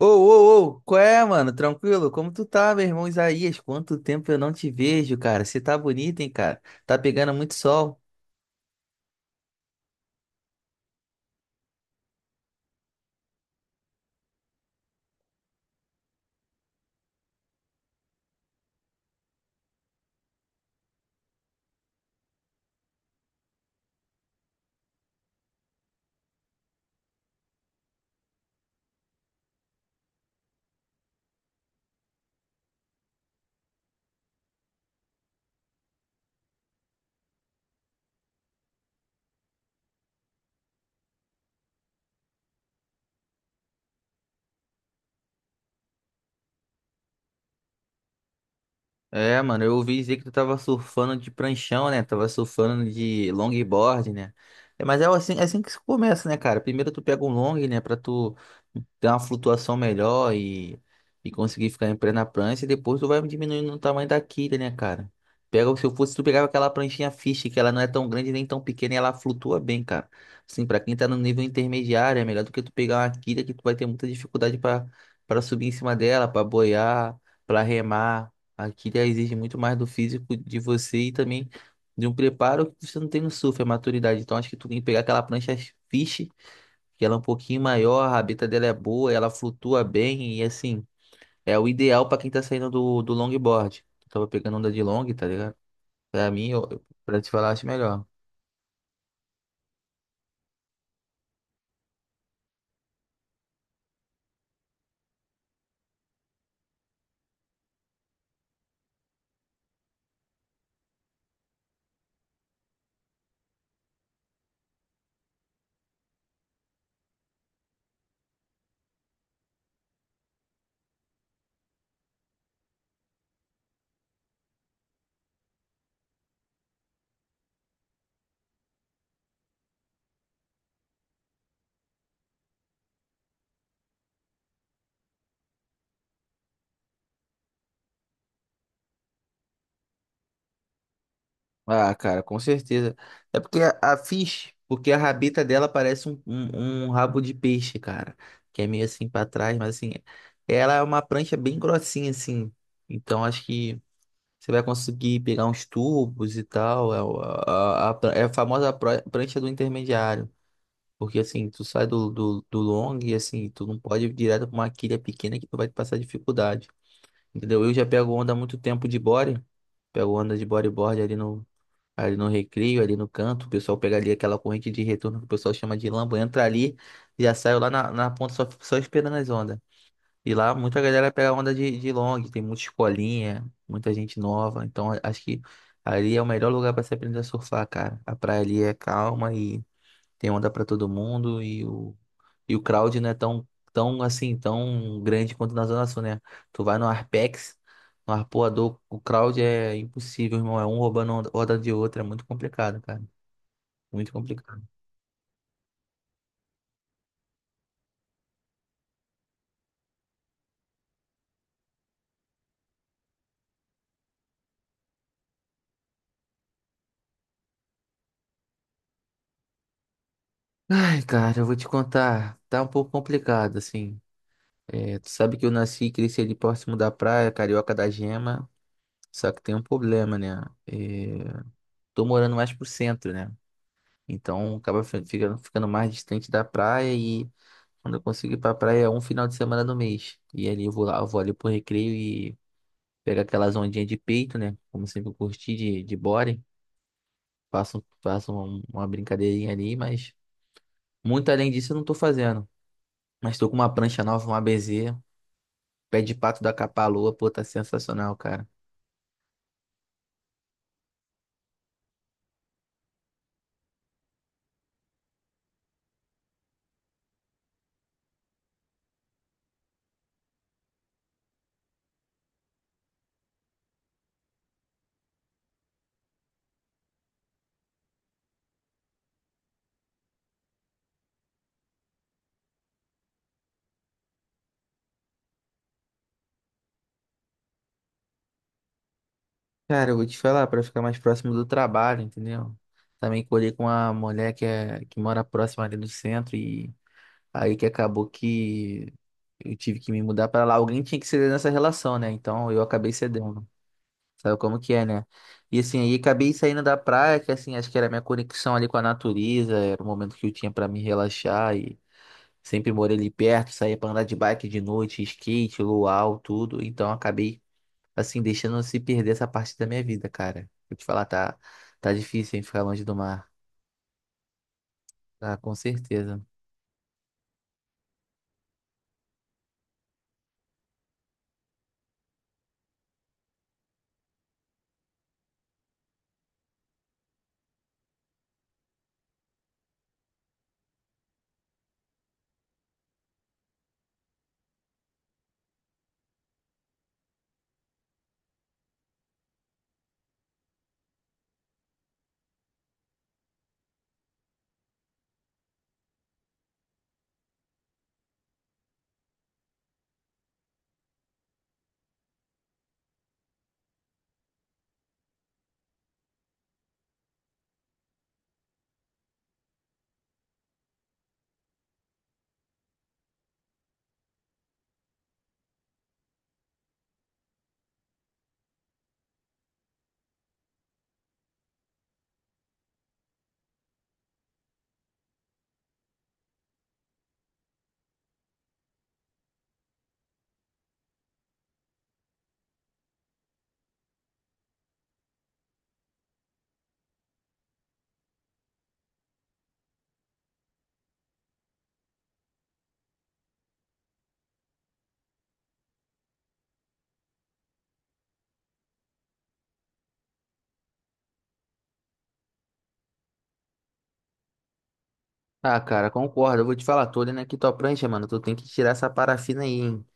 Ô, ô, ô, qual é, mano? Tranquilo? Como tu tá, meu irmão Isaías? Quanto tempo eu não te vejo, cara? Você tá bonito, hein, cara? Tá pegando muito sol. É, mano, eu ouvi dizer que tu tava surfando de pranchão, né? Tava surfando de longboard, né? É, mas é assim que se começa, né, cara? Primeiro tu pega um long, né, pra tu ter uma flutuação melhor e, conseguir ficar em pé na prancha, e depois tu vai diminuindo o tamanho da quilha, né, cara? Pega, se eu fosse, tu pegava aquela pranchinha fish, que ela não é tão grande nem tão pequena, e ela flutua bem, cara. Assim, pra quem tá no nível intermediário, é melhor do que tu pegar uma quilha que tu vai ter muita dificuldade pra para subir em cima dela, pra boiar, pra remar. Aqui já exige muito mais do físico de você e também de um preparo que você não tem no surf, é maturidade. Então acho que tu tem que pegar aquela prancha fish, que ela é um pouquinho maior, a rabeta dela é boa, ela flutua bem e assim, é o ideal pra quem tá saindo do longboard. Eu tava pegando onda de long, tá ligado? Pra mim, eu, pra te falar, acho melhor. Ah, cara, com certeza. É porque a Fish, porque a rabeta dela parece um rabo de peixe, cara. Que é meio assim pra trás, mas assim, ela é uma prancha bem grossinha, assim. Então acho que você vai conseguir pegar uns tubos e tal. É a famosa prancha do intermediário. Porque assim, tu sai do long e assim, tu não pode ir direto pra uma quilha pequena que tu vai te passar dificuldade. Entendeu? Eu já pego onda há muito tempo de body. Pego onda de bodyboard ali no recreio, ali no canto, o pessoal pega ali aquela corrente de retorno que o pessoal chama de lamba, entra ali e já saiu lá na ponta só, só esperando as ondas. E lá muita galera pega onda de long, tem muita escolinha, muita gente nova, então acho que ali é o melhor lugar para se aprender a surfar, cara. A praia ali é calma e tem onda pra todo mundo e e o crowd não é tão assim, tão grande quanto na Zona Sul, né? Tu vai no Arpex, no Arpoador, o crowd é impossível, irmão. É um roubando onda de outra é muito complicado, cara. Muito complicado. Ai, cara, eu vou te contar. Tá um pouco complicado, assim. É, tu sabe que eu nasci e cresci ali próximo da praia, Carioca da Gema. Só que tem um problema, né? É, tô morando mais pro centro, né? Então acaba ficando mais distante da praia e quando eu consigo ir pra praia é um final de semana no mês. E ali eu vou lá, eu vou ali pro recreio e pego aquelas ondinhas de peito, né? Como sempre eu curti de body. Faço uma brincadeirinha ali, mas muito além disso eu não tô fazendo. Mas tô com uma prancha nova, uma BZ, pé de pato da Capa-Lua, pô, tá sensacional, cara. Cara, eu vou te falar, pra ficar mais próximo do trabalho, entendeu? Também colhei com uma mulher que, é, que mora próxima ali do centro e aí que acabou que. Eu tive que me mudar pra lá. Alguém tinha que ceder nessa relação, né? Então eu acabei cedendo. Sabe como que é, né? E assim, aí acabei saindo da praia, que assim, acho que era a minha conexão ali com a natureza, era o momento que eu tinha pra me relaxar e sempre morei ali perto, saía pra andar de bike de noite, skate, luau, tudo. Então acabei assim deixando se perder essa parte da minha vida, cara. Vou te falar, tá difícil hein, ficar longe do mar. Tá, com certeza. Ah, cara, concordo. Eu vou te falar, tô olhando aqui tua prancha, mano. Tu tem que tirar essa parafina aí, hein?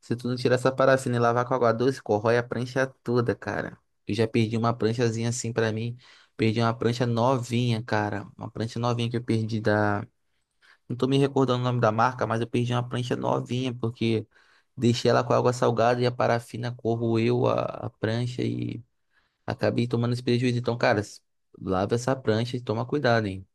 Se tu não tirar essa parafina e lavar com água doce, corrói a prancha toda, cara. Eu já perdi uma pranchazinha assim pra mim. Perdi uma prancha novinha, cara. Uma prancha novinha que eu perdi da. Não tô me recordando o nome da marca, mas eu perdi uma prancha novinha, porque deixei ela com água salgada e a parafina corroeu a prancha e acabei tomando esse prejuízo. Então, cara, lava essa prancha e toma cuidado, hein?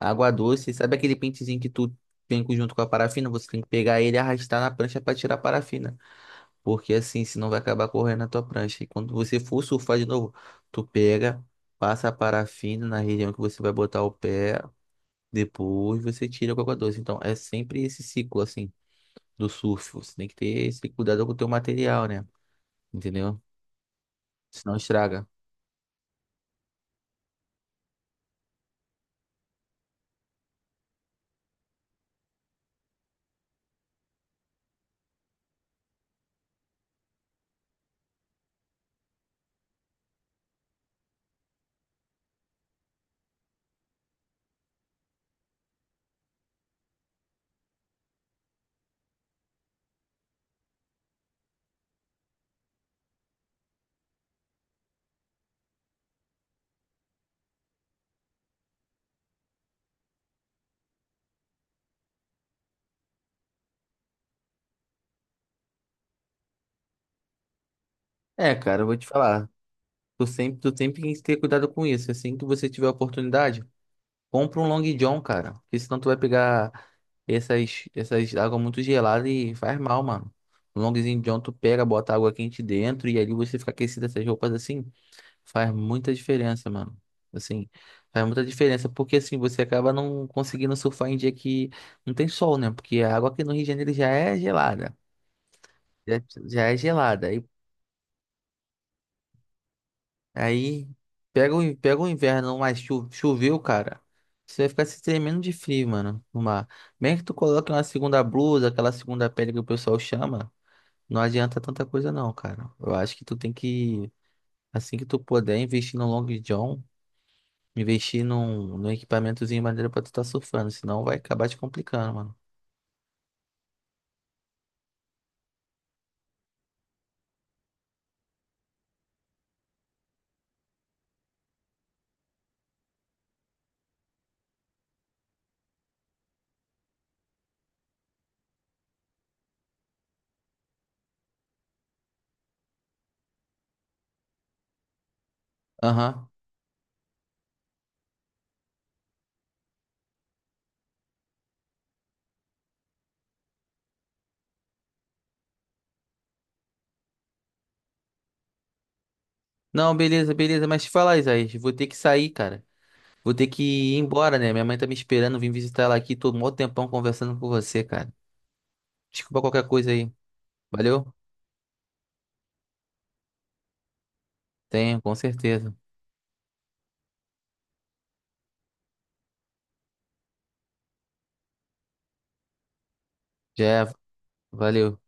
Água doce, sabe aquele pentezinho que tu tem junto com a parafina? Você tem que pegar ele e arrastar na prancha pra tirar a parafina. Porque assim, senão vai acabar correndo na tua prancha. E quando você for surfar de novo, tu pega, passa a parafina na região que você vai botar o pé, depois você tira com água doce. Então é sempre esse ciclo assim do surf. Você tem que ter esse cuidado com o teu material, né? Entendeu? Senão estraga. É, cara, eu vou te falar. Tu sempre tem que ter cuidado com isso. Assim que você tiver a oportunidade. Compra um Long John, cara. Porque senão tu vai pegar essas águas muito geladas e faz mal, mano. O Longzinho John tu pega, bota água quente dentro e ali você fica aquecido essas roupas assim. Faz muita diferença, mano. Assim, faz muita diferença. Porque assim, você acaba não conseguindo surfar em dia que não tem sol, né? Porque a água aqui no Rio de Janeiro já é gelada. Já, já é gelada. Aí aí pega pega o inverno, mas choveu, cara. Você vai ficar se tremendo de frio, mano, no mar. Mesmo que tu coloque uma segunda blusa, aquela segunda pele que o pessoal chama, não adianta tanta coisa não, cara. Eu acho que tu tem que, assim que tu puder, investir no Long John, investir num equipamentozinho maneiro pra tu tá surfando, senão vai acabar te complicando, mano. Aham. Não, beleza, beleza, mas te falar, Isaías, vou ter que sair, cara. Vou ter que ir embora, né? Minha mãe tá me esperando, vim visitar ela aqui, tô mó tempão conversando com você, cara. Desculpa qualquer coisa aí. Valeu? Tenho, com certeza. Já é. Valeu.